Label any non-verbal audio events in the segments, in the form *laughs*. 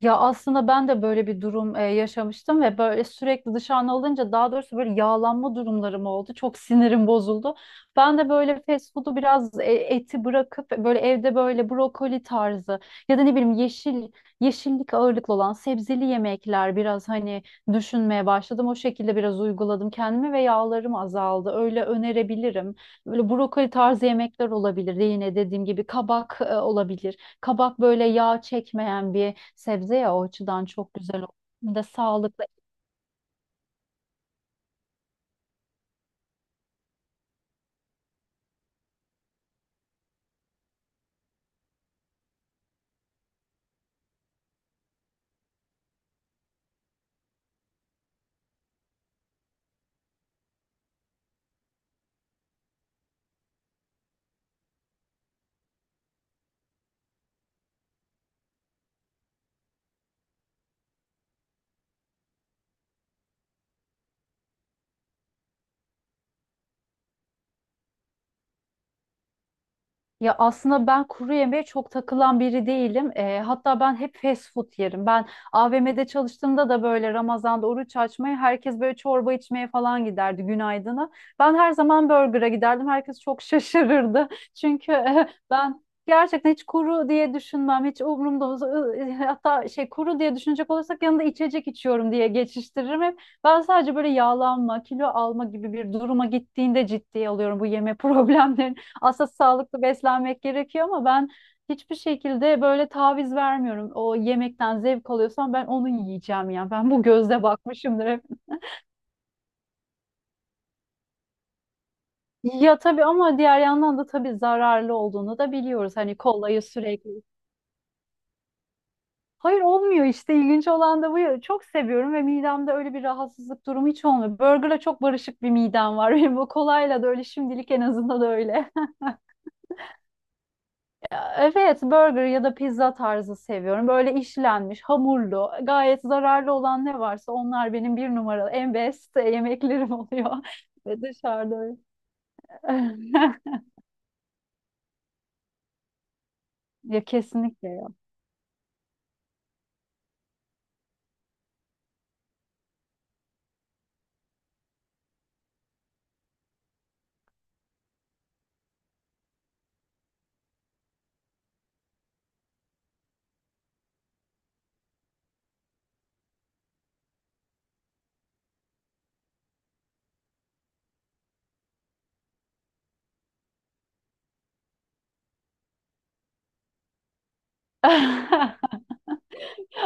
Ya aslında ben de böyle bir durum yaşamıştım ve böyle sürekli dışarıda alınca daha doğrusu böyle yağlanma durumlarım oldu. Çok sinirim bozuldu. Ben de böyle fast food'u biraz eti bırakıp böyle evde böyle brokoli tarzı ya da ne bileyim yeşillik ağırlıklı olan sebzeli yemekler biraz hani düşünmeye başladım. O şekilde biraz uyguladım kendimi ve yağlarım azaldı. Öyle önerebilirim. Böyle brokoli tarzı yemekler olabilir. Yine dediğim gibi kabak olabilir. Kabak böyle yağ çekmeyen bir sebze ya, o açıdan çok güzel oluyor. Hem de sağlıklı. Ya aslında ben kuru yemeğe çok takılan biri değilim. Hatta ben hep fast food yerim. Ben AVM'de çalıştığımda da böyle Ramazan'da oruç açmaya herkes böyle çorba içmeye falan giderdi günaydına. Ben her zaman burger'a giderdim. Herkes çok şaşırırdı. *laughs* Çünkü ben gerçekten hiç kuru diye düşünmem. Hiç umurumda olmaz. Hatta şey, kuru diye düşünecek olursak yanında içecek içiyorum diye geçiştiririm hep. Ben sadece böyle yağlanma, kilo alma gibi bir duruma gittiğinde ciddiye alıyorum bu yeme *laughs* problemlerini. Aslında sağlıklı beslenmek gerekiyor ama ben hiçbir şekilde böyle taviz vermiyorum. O yemekten zevk alıyorsam ben onu yiyeceğim yani. Ben bu gözle bakmışımdır hep. Ya tabii, ama diğer yandan da tabii zararlı olduğunu da biliyoruz. Hani kolayı sürekli. Hayır, olmuyor işte, ilginç olan da bu ya. Çok seviyorum ve midemde öyle bir rahatsızlık durumu hiç olmuyor. Burger'la çok barışık bir midem var. *laughs* Benim bu kolayla da öyle, şimdilik en azından öyle. Evet, burger ya da pizza tarzı seviyorum. Böyle işlenmiş, hamurlu, gayet zararlı olan ne varsa onlar benim bir numaralı, en best yemeklerim oluyor. *laughs* Ve dışarıda öyle. *laughs* Ya kesinlikle ya. *laughs*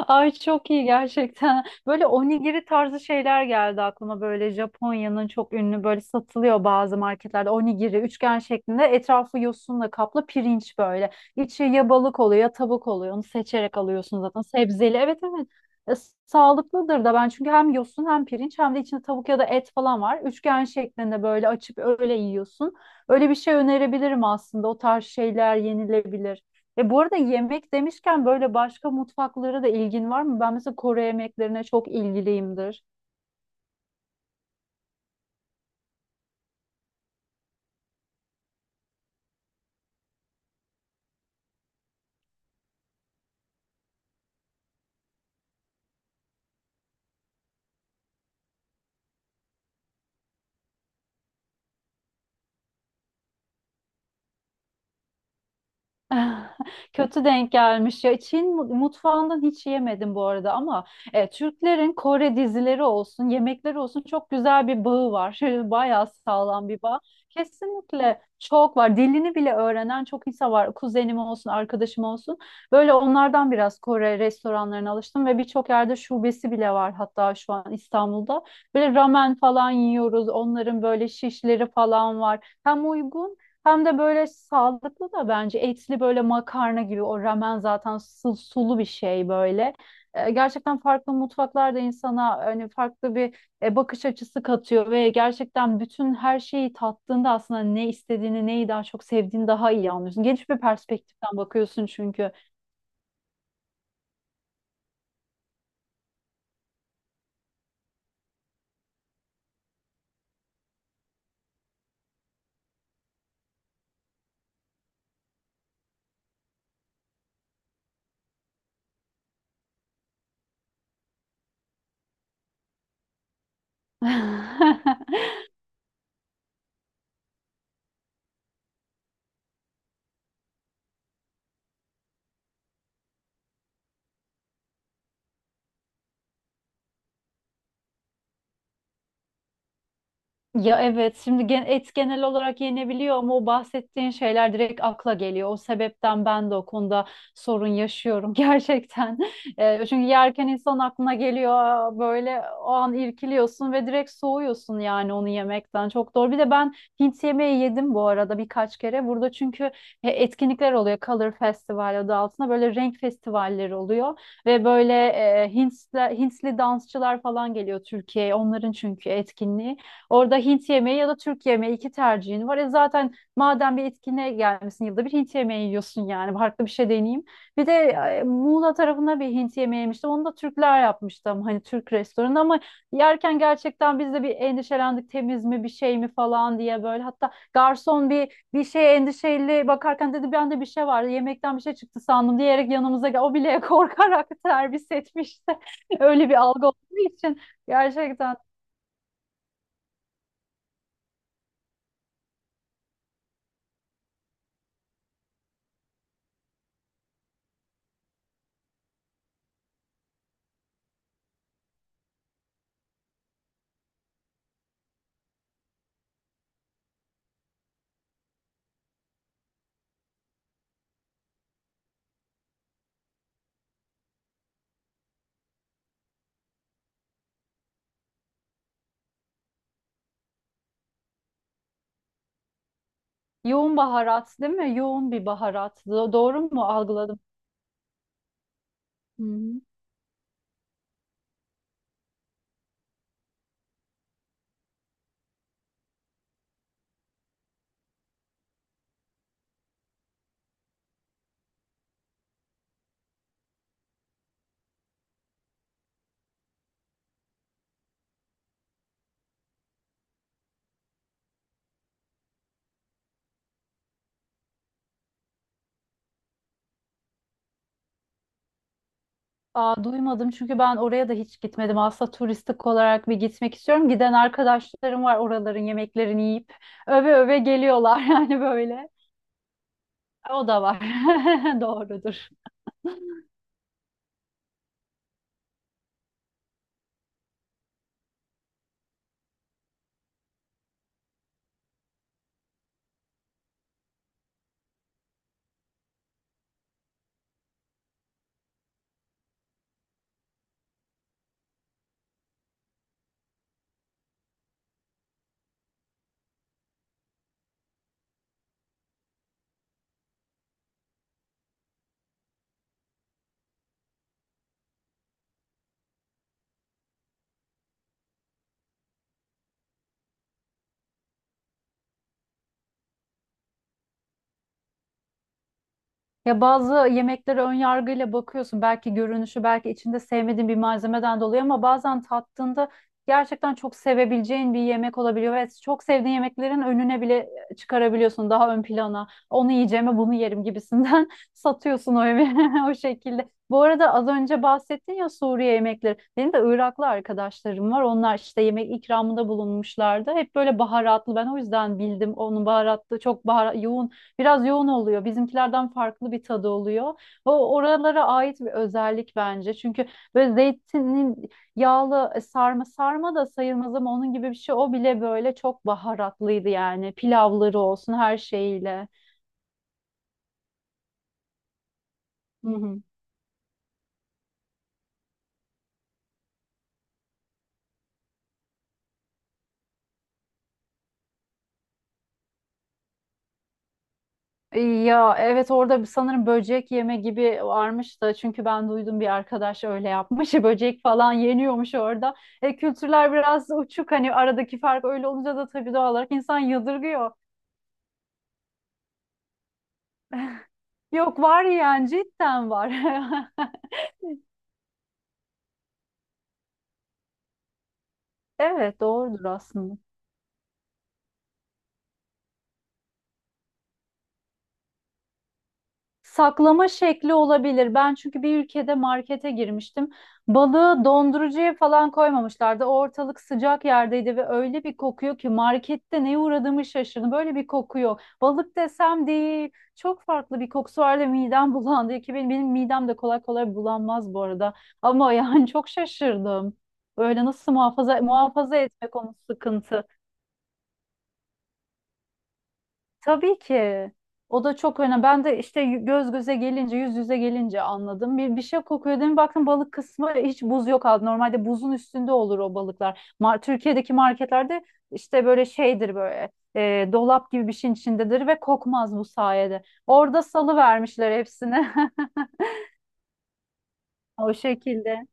Ay çok iyi gerçekten. Böyle onigiri tarzı şeyler geldi aklıma. Böyle Japonya'nın çok ünlü, böyle satılıyor bazı marketlerde. Onigiri üçgen şeklinde, etrafı yosunla kaplı pirinç böyle. İçi ya balık oluyor ya tavuk oluyor. Onu seçerek alıyorsun zaten. Sebzeli. Evet, evet. E, Sağlıklıdır da, ben çünkü hem yosun hem pirinç hem de içinde tavuk ya da et falan var. Üçgen şeklinde böyle açıp öyle yiyorsun. Öyle bir şey önerebilirim aslında. O tarz şeyler yenilebilir. E bu arada yemek demişken, böyle başka mutfaklara da ilgin var mı? Ben mesela Kore yemeklerine çok ilgiliyimdir. *laughs* Kötü denk gelmiş ya. Mutfağından hiç yemedim bu arada ama Türklerin Kore dizileri olsun, yemekleri olsun çok güzel bir bağı var. *laughs* Bayağı sağlam bir bağ. Kesinlikle çok var. Dilini bile öğrenen çok insan var. Kuzenim olsun, arkadaşım olsun. Böyle onlardan biraz Kore restoranlarına alıştım ve birçok yerde şubesi bile var hatta şu an İstanbul'da. Böyle ramen falan yiyoruz. Onların böyle şişleri falan var. Hem uygun hem de böyle sağlıklı da bence, etli böyle makarna gibi o ramen, zaten sulu bir şey böyle. Gerçekten farklı mutfaklar da insana hani farklı bir bakış açısı katıyor ve gerçekten bütün her şeyi tattığında aslında ne istediğini, neyi daha çok sevdiğini daha iyi anlıyorsun. Geniş bir perspektiften bakıyorsun çünkü. *laughs* Ya evet, şimdi gen- et genel olarak yenebiliyor ama o bahsettiğin şeyler direkt akla geliyor. O sebepten ben de o konuda sorun yaşıyorum *laughs* gerçekten. Çünkü yerken insan aklına geliyor. Aa, böyle o an irkiliyorsun ve direkt soğuyorsun yani onu yemekten. Çok doğru. Bir de ben Hint yemeği yedim bu arada birkaç kere. Burada çünkü etkinlikler oluyor. Color Festival adı altında böyle renk festivalleri oluyor. Ve böyle Hintli dansçılar falan geliyor Türkiye'ye. Onların çünkü etkinliği. Orada Hint yemeği ya da Türk yemeği, iki tercihin var. E zaten madem bir etkinliğe gelmesin, yılda bir Hint yemeği yiyorsun yani, farklı bir şey deneyeyim. Bir de Muğla tarafına bir Hint yemeği yemiştim. Onu da Türkler yapmıştım. Hani Türk restoranı ama yerken gerçekten biz de bir endişelendik. Temiz mi, bir şey mi falan diye böyle. Hatta garson bir şeye endişeli bakarken dedi bende bir şey vardı. Yemekten bir şey çıktı sandım diyerek yanımıza gel. O bile *laughs* korkarak servis etmişti. *laughs* Öyle bir algı olduğu için gerçekten. Yoğun baharat değil mi? Yoğun bir baharat. Doğru mu algıladım? Hı hı. Aa, duymadım çünkü ben oraya da hiç gitmedim. Aslında turistik olarak bir gitmek istiyorum. Giden arkadaşlarım var, oraların yemeklerini yiyip öve öve geliyorlar *laughs* yani böyle. O da var. *laughs* Doğrudur. Ya bazı yemeklere ön yargıyla bakıyorsun. Belki görünüşü, belki içinde sevmediğin bir malzemeden dolayı, ama bazen tattığında gerçekten çok sevebileceğin bir yemek olabiliyor ve çok sevdiğin yemeklerin önüne bile çıkarabiliyorsun, daha ön plana. Onu yiyeceğime bunu yerim gibisinden *laughs* satıyorsun o yemeği *laughs* o şekilde. Bu arada az önce bahsettin ya, Suriye yemekleri. Benim de Iraklı arkadaşlarım var. Onlar işte yemek ikramında bulunmuşlardı. Hep böyle baharatlı. Ben o yüzden bildim, onun baharatlı, yoğun. Biraz yoğun oluyor. Bizimkilerden farklı bir tadı oluyor. O oralara ait bir özellik bence. Çünkü böyle zeytinin yağlı sarma da sayılmaz ama onun gibi bir şey. O bile böyle çok baharatlıydı yani. Pilavları olsun, her şeyiyle. Hı hı. Ya evet, orada sanırım böcek yeme gibi varmış da, çünkü ben duydum, bir arkadaş öyle yapmış. *laughs* Böcek falan yeniyormuş orada. Kültürler biraz uçuk, hani aradaki fark öyle olunca da tabii doğal olarak insan yadırgıyor. *laughs* Yok, var yani, cidden var. *laughs* Evet, doğrudur aslında. Saklama şekli olabilir. Ben çünkü bir ülkede markete girmiştim. Balığı dondurucuya falan koymamışlardı. O, ortalık sıcak yerdeydi ve öyle bir kokuyor ki markette, neye uğradığımı şaşırdım. Böyle bir kokuyor. Balık desem değil. Çok farklı bir kokusu vardı. Midem *laughs* bulandı ki, benim midem de kolay kolay bulanmaz bu arada. Ama *laughs* yani çok şaşırdım. Böyle nasıl muhafaza etmek, onun sıkıntı. Tabii ki. O da çok önemli. Ben de işte göz göze gelince, yüz yüze gelince anladım. Bir şey kokuyor değil mi? Baktım balık kısmı hiç buz yok aldı. Normalde buzun üstünde olur o balıklar. Türkiye'deki marketlerde işte böyle şeydir, böyle dolap gibi bir şeyin içindedir ve kokmaz bu sayede. Orada salı vermişler hepsini. *laughs* O şekilde.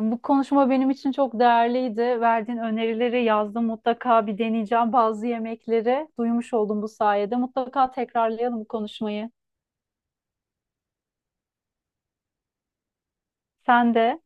Bu konuşma benim için çok değerliydi. Verdiğin önerileri yazdım. Mutlaka bir deneyeceğim bazı yemekleri. Duymuş oldum bu sayede. Mutlaka tekrarlayalım bu konuşmayı. Sen de